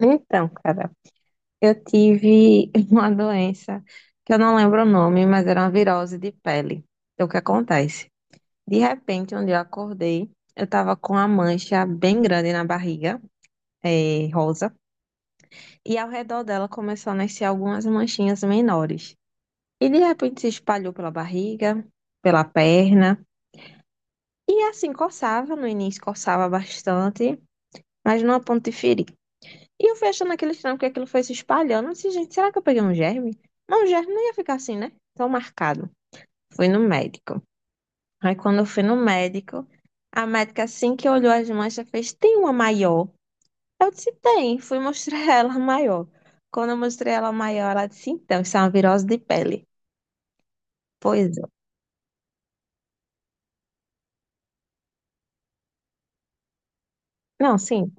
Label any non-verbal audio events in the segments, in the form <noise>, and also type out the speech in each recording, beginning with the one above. Então, cara, eu tive <laughs> uma doença que eu não lembro o nome, mas era uma virose de pele. Então, o que acontece? De repente, um dia eu acordei, eu tava com uma mancha bem grande na barriga, rosa, e ao redor dela começou a nascer algumas manchinhas menores. E de repente se espalhou pela barriga, pela perna, e assim coçava, no início coçava bastante, mas não a ponto de ferir. E eu fui achando aquele estranho porque aquilo foi se espalhando. Eu disse, gente, será que eu peguei um germe? Mas o germe não ia ficar assim, né? Tão marcado. Fui no médico. Aí quando eu fui no médico, a médica assim que olhou as manchas fez, tem uma maior? Eu disse, tem. Fui mostrar <laughs> ela a maior. Quando eu mostrei ela a maior, ela disse, então, isso é uma virose de pele. Pois é. Não, sim,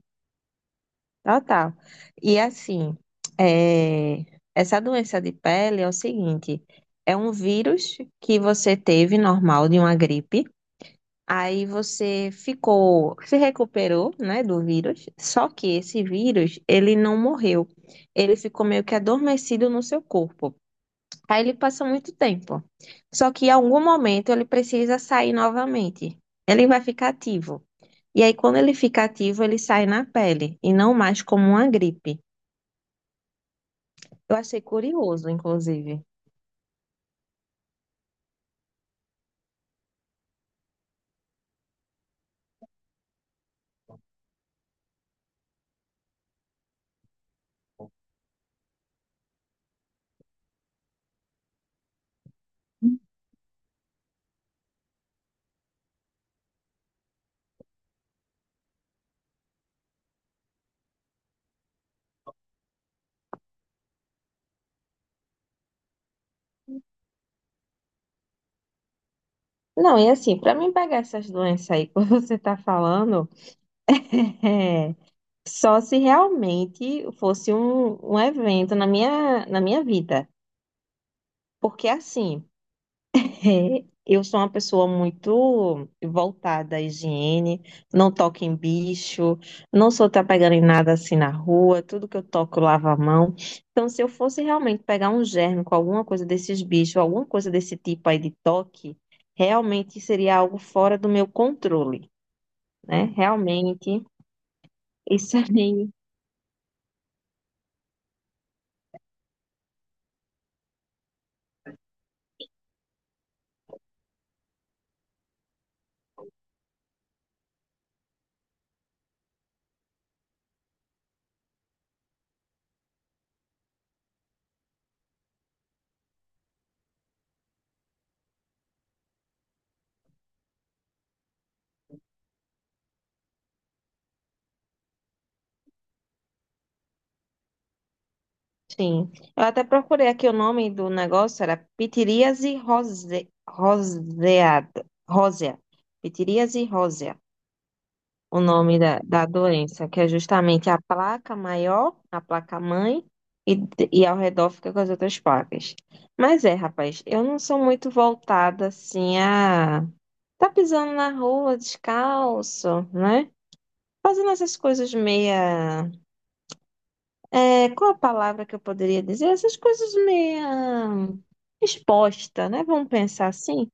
total. E assim, é, essa doença de pele é o seguinte, é um vírus que você teve normal de uma gripe. Aí você ficou, se recuperou, né, do vírus. Só que esse vírus, ele não morreu. Ele ficou meio que adormecido no seu corpo. Aí ele passa muito tempo. Só que em algum momento ele precisa sair novamente. Ele vai ficar ativo. E aí quando ele fica ativo, ele sai na pele e não mais como uma gripe. Eu achei curioso, inclusive. Não, e assim, para mim pegar essas doenças aí que <laughs> você tá falando, <laughs> só se realmente fosse um evento na minha vida. Porque assim, <laughs> é, eu sou uma pessoa muito voltada à higiene, não toco em bicho, não sou tá pegando em nada assim na rua, tudo que eu toco eu lavo a mão. Então, se eu fosse realmente pegar um germe com alguma coisa desses bichos, alguma coisa desse tipo aí de toque, realmente seria algo fora do meu controle, né? Realmente, isso <laughs> aí. Sim. Eu até procurei aqui o nome do negócio, era pitiríase rose, roseada, rósea. Pitiríase rósea. O nome da, da doença, que é justamente a placa maior, a placa mãe, e, e ao redor fica com as outras placas. Mas é, rapaz, eu não sou muito voltada assim a. Tá pisando na rua descalço, né? Fazendo essas coisas meia. É, qual a palavra que eu poderia dizer? Essas coisas meia exposta, né? Vamos pensar assim.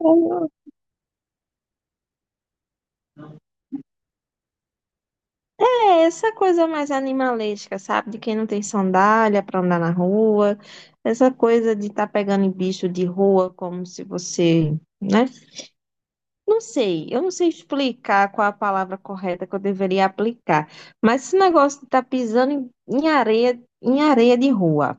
Eu é essa coisa mais animalesca, sabe? De quem não tem sandália para andar na rua, essa coisa de estar pegando em bicho de rua como se você, né? Não sei, eu não sei explicar qual a palavra correta que eu deveria aplicar, mas esse negócio de estar pisando em areia, em areia de rua.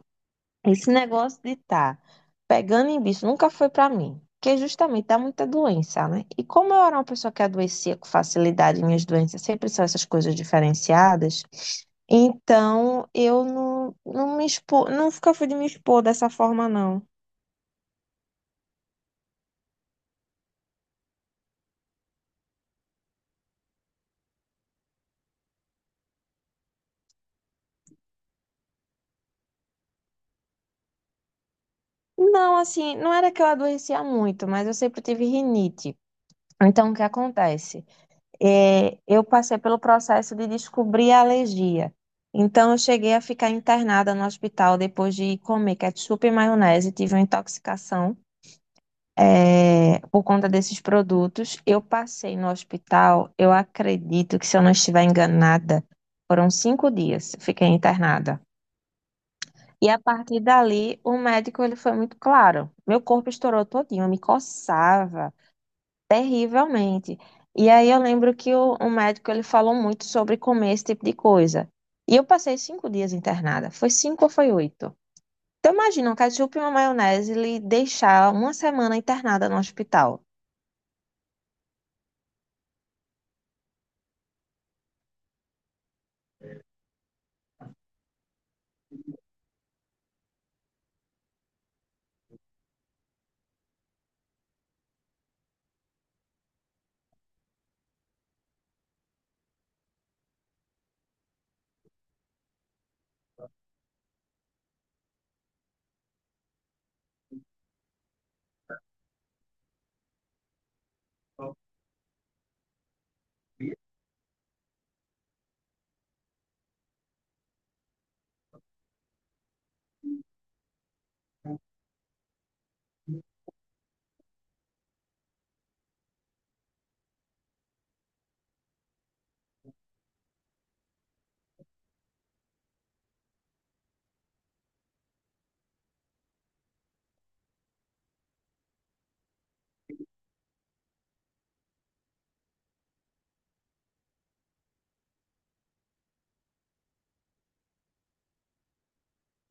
Esse negócio de estar pegando em bicho nunca foi pra mim, porque justamente dá muita doença, né? E como eu era uma pessoa que adoecia com facilidade, minhas doenças sempre são essas coisas diferenciadas, então eu não, não me expo, nunca fui de me expor dessa forma, não. Não, assim, não era que eu adoecia muito, mas eu sempre tive rinite. Então, o que acontece? É, eu passei pelo processo de descobrir a alergia. Então, eu cheguei a ficar internada no hospital depois de comer ketchup e maionese, tive uma intoxicação, é, por conta desses produtos. Eu passei no hospital, eu acredito que, se eu não estiver enganada, foram 5 dias, eu fiquei internada. E a partir dali, o médico ele foi muito claro. Meu corpo estourou todinho, eu me coçava. Terrivelmente. E aí eu lembro que o médico ele falou muito sobre comer esse tipo de coisa. E eu passei 5 dias internada. Foi cinco ou foi 8? Então imagina um ketchup e uma maionese lhe deixar uma semana internada no hospital.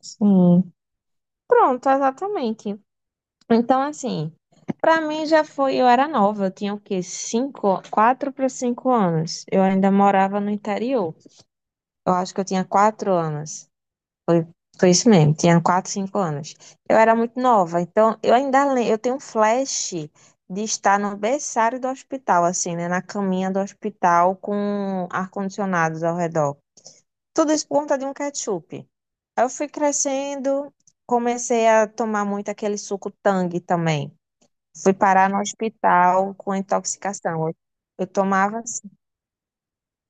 Sim. Pronto, exatamente. Então assim, pra mim já foi. Eu era nova, eu tinha o quê? Cinco, 4 para 5 anos. Eu ainda morava no interior. Eu acho que eu tinha 4 anos. Foi isso mesmo, tinha 4 5 anos. Eu era muito nova, então eu ainda lembro, eu tenho um flash de estar no berçário do hospital, assim, né? Na caminha do hospital com ar-condicionados ao redor. Tudo isso por conta de um ketchup. Aí eu fui crescendo, comecei a tomar muito aquele suco Tang também. Fui parar no hospital com intoxicação. Eu tomava,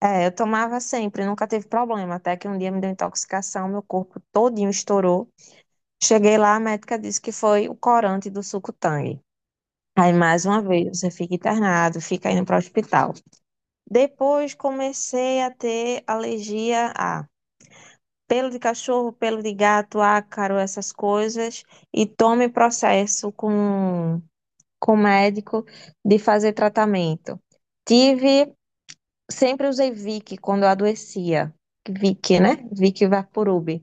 é, eu tomava sempre, nunca teve problema, até que um dia me deu intoxicação, meu corpo todinho estourou. Cheguei lá, a médica disse que foi o corante do suco Tang. Aí, mais uma vez, você fica internado, fica indo para o hospital. Depois, comecei a ter alergia a pelo de cachorro, pelo de gato, ácaro, essas coisas. E tome processo com o médico de fazer tratamento. Tive, sempre usei Vick quando eu adoecia. Vick, né? Vick Vaporub.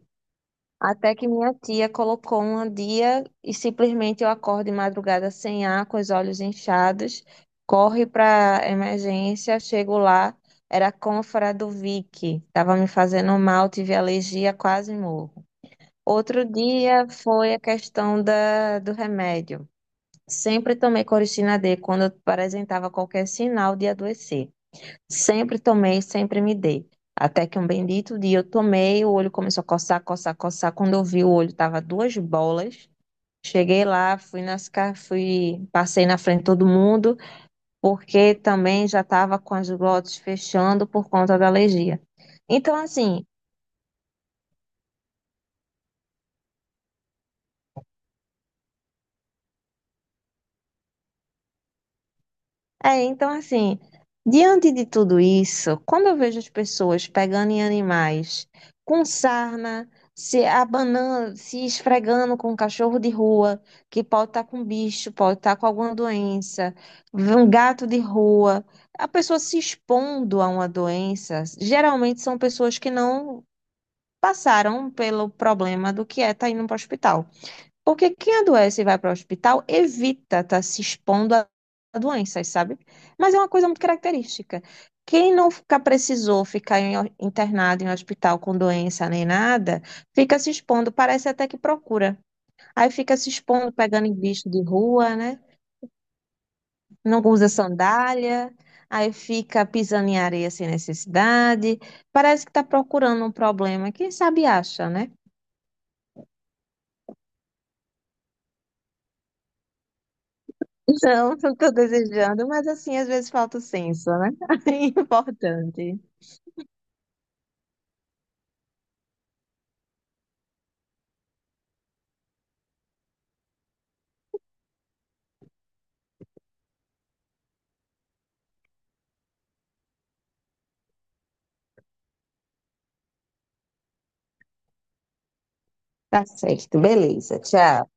Até que minha tia colocou um dia e simplesmente eu acordo de madrugada sem ar, com os olhos inchados, corre para emergência, chego lá, era a cânfora do Vick, estava me fazendo mal, tive alergia, quase morro. Outro dia foi a questão da, do remédio. Sempre tomei Coristina D quando apresentava qualquer sinal de adoecer. Sempre tomei, sempre me dei. Até que um bendito dia eu tomei, o olho começou a coçar, coçar, coçar. Quando eu vi, o olho tava duas bolas. Cheguei lá, fui nas, fui, passei na frente de todo mundo, porque também já tava com as glotes fechando por conta da alergia. Então, assim, é, então assim, diante de tudo isso, quando eu vejo as pessoas pegando em animais com sarna, se abanando, se esfregando com um cachorro de rua, que pode estar com bicho, pode estar com alguma doença, um gato de rua, a pessoa se expondo a uma doença, geralmente são pessoas que não passaram pelo problema do que é estar indo para o hospital. Porque quem adoece e vai para o hospital evita estar se expondo a doenças, sabe? Mas é uma coisa muito característica. Quem não fica, precisou ficar em internado em hospital com doença nem nada, fica se expondo, parece até que procura. Aí fica se expondo, pegando em bicho de rua, né? Não usa sandália, aí fica pisando em areia sem necessidade. Parece que está procurando um problema. Quem sabe acha, né? Não, não estou desejando, mas assim, às vezes falta o senso, né? <laughs> É importante. Tá certo, beleza. Tchau.